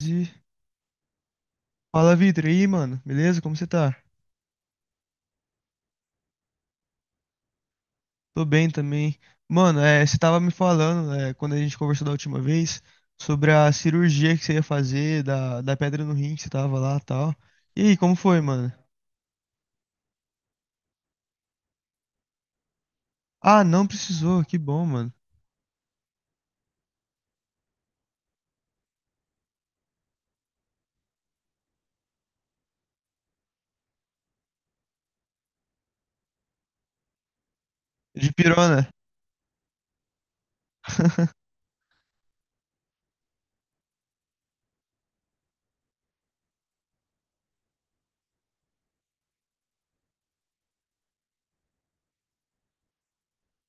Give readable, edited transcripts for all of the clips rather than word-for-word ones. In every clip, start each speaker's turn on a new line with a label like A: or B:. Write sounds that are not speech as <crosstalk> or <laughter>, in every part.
A: E fala, Vitor. E aí, mano? Beleza? Como você tá? Tô bem também. Mano, você tava me falando, quando a gente conversou da última vez, sobre a cirurgia que você ia fazer, da pedra no rim que você tava lá e tal. E aí, como foi, mano? Ah, não precisou. Que bom, mano. De pirona. <laughs>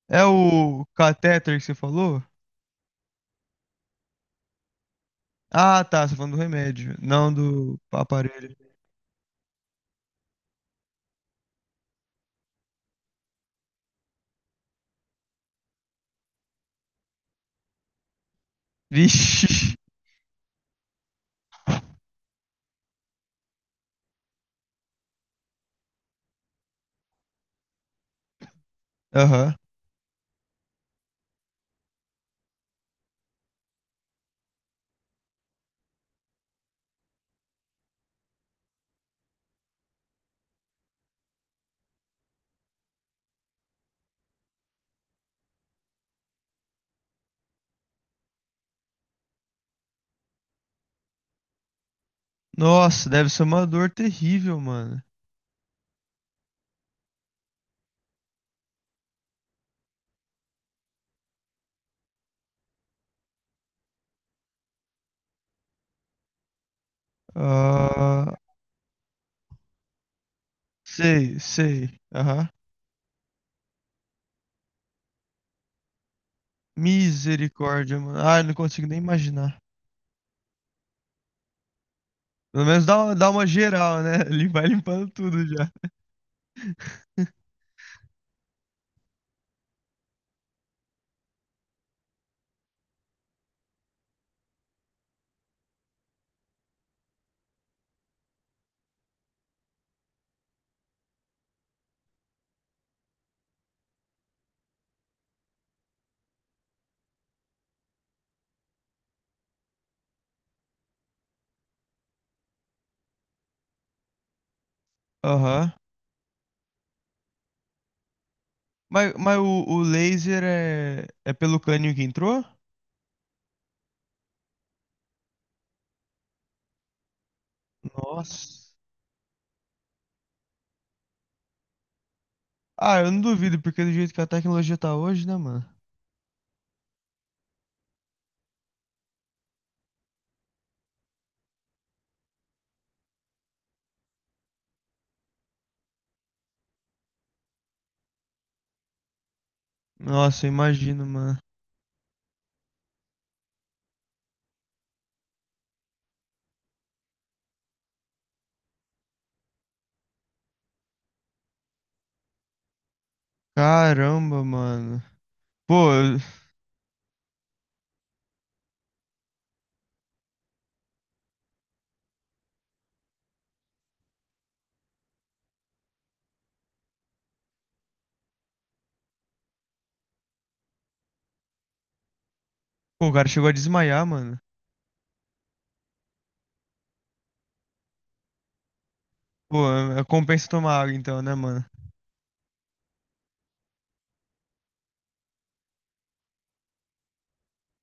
A: É o catéter que você falou? Ah, tá. Você tá falando do remédio, não do aparelho. Vixe. <laughs> Aham. Nossa, deve ser uma dor terrível, mano. Ah, sei, sei. Aham. Misericórdia, mano. Ai, não consigo nem imaginar. Pelo menos dá, dá uma geral, né? <laughs> Ele vai limpando tudo já. Aham. Mas, o laser é, é pelo caninho que entrou? Nossa. Ah, eu não duvido, porque do jeito que a tecnologia tá hoje, né, mano? Nossa, eu imagino, mano. Caramba, mano. Pô, eu- pô, o cara chegou a desmaiar, mano. Pô, é, compensa tomar água então, né, mano?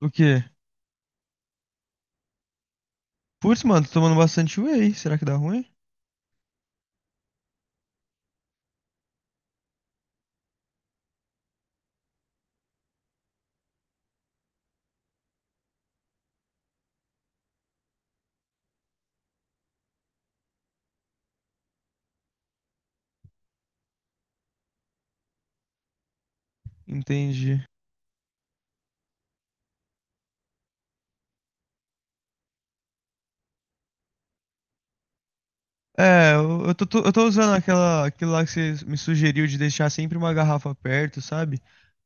A: O quê? Putz, mano, tô tomando bastante whey. Será que dá ruim? Entendi. É, eu tô, eu tô usando aquela, aquilo lá que você me sugeriu de deixar sempre uma garrafa perto, sabe?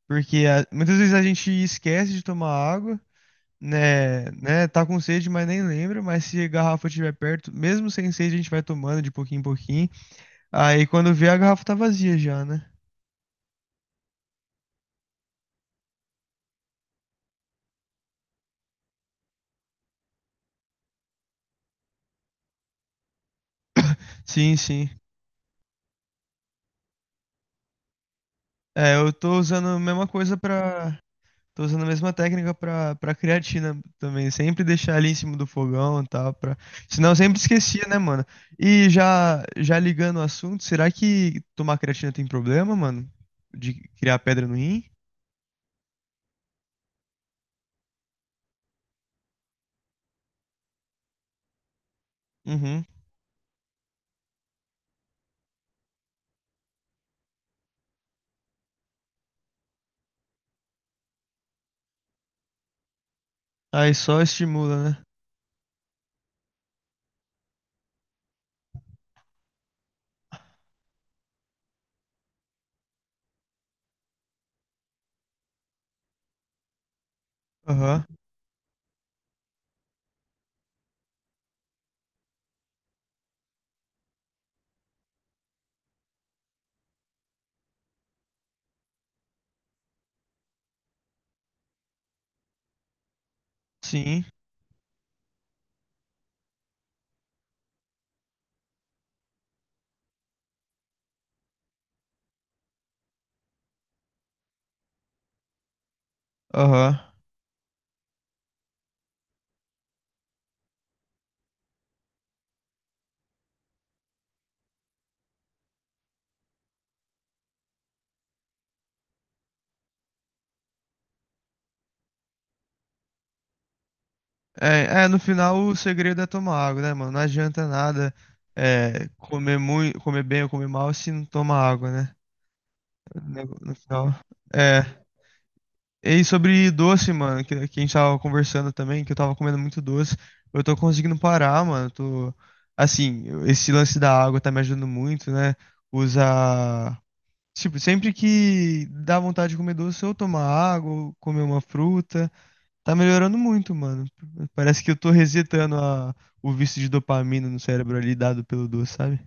A: Porque muitas vezes a gente esquece de tomar água, né? Tá com sede, mas nem lembra. Mas se a garrafa estiver perto, mesmo sem sede, a gente vai tomando de pouquinho em pouquinho. Aí quando vê, a garrafa tá vazia já, né? Sim, sim. É, eu tô usando a mesma coisa pra. Tô usando a mesma técnica pra, pra creatina também. Sempre deixar ali em cima do fogão e tal. Pra... Senão eu sempre esquecia, né, mano? E já, já ligando o assunto, será que tomar creatina tem problema, mano? De criar pedra no rim? Uhum. Aí só estimula, né? Aham. Sim. Aham. É, é, no final o segredo é tomar água, né, mano? Não adianta nada comer muito, comer bem ou comer mal se não toma água, né? No no final. É. E sobre doce, mano, que a gente tava conversando também, que eu tava comendo muito doce. Eu tô conseguindo parar, mano. Eu Tô, assim, eu- esse lance da água tá me ajudando muito, né? Usar. Tipo, sempre que dá vontade de comer doce, eu tomar água, ou comer uma fruta. Tá melhorando muito, mano. Parece que eu tô resetando o vício de dopamina no cérebro ali dado pelo doce, sabe?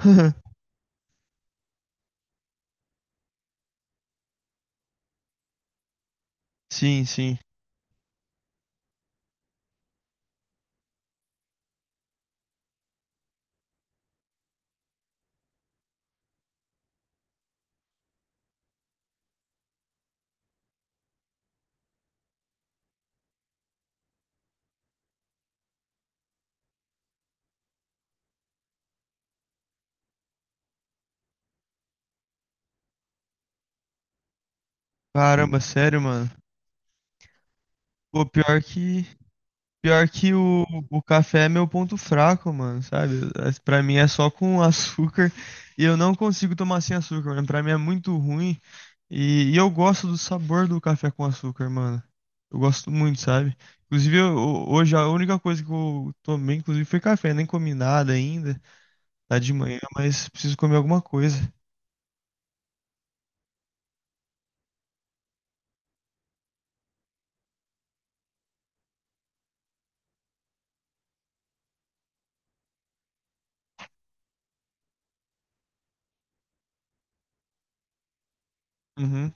A: <laughs> Sim, sim. Caramba, sério, mano. Pô, pior que. Pior que o café é meu ponto fraco, mano, sabe? Pra mim é só com <laughs> açúcar e eu não consigo tomar sem açúcar, mano. Pra mim é muito ruim e eu gosto do sabor do café com açúcar, mano. Eu gosto muito, sabe? Inclusive, hoje a única coisa que eu tomei, inclusive, foi café. Nem comi nada ainda, tá de manhã, mas preciso comer alguma coisa. Uhum.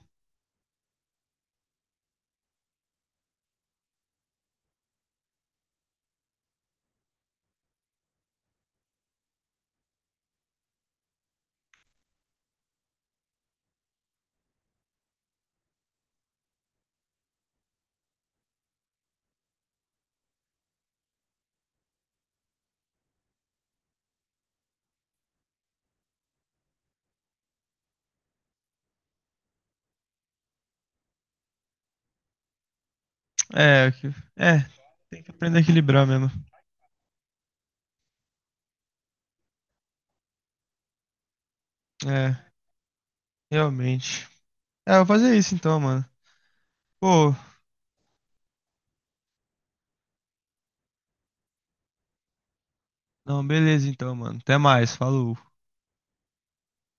A: É, é, tem que aprender a equilibrar mesmo. É, realmente. É, eu vou fazer isso então, mano. Pô. Não, beleza então, mano. Até mais. Falou.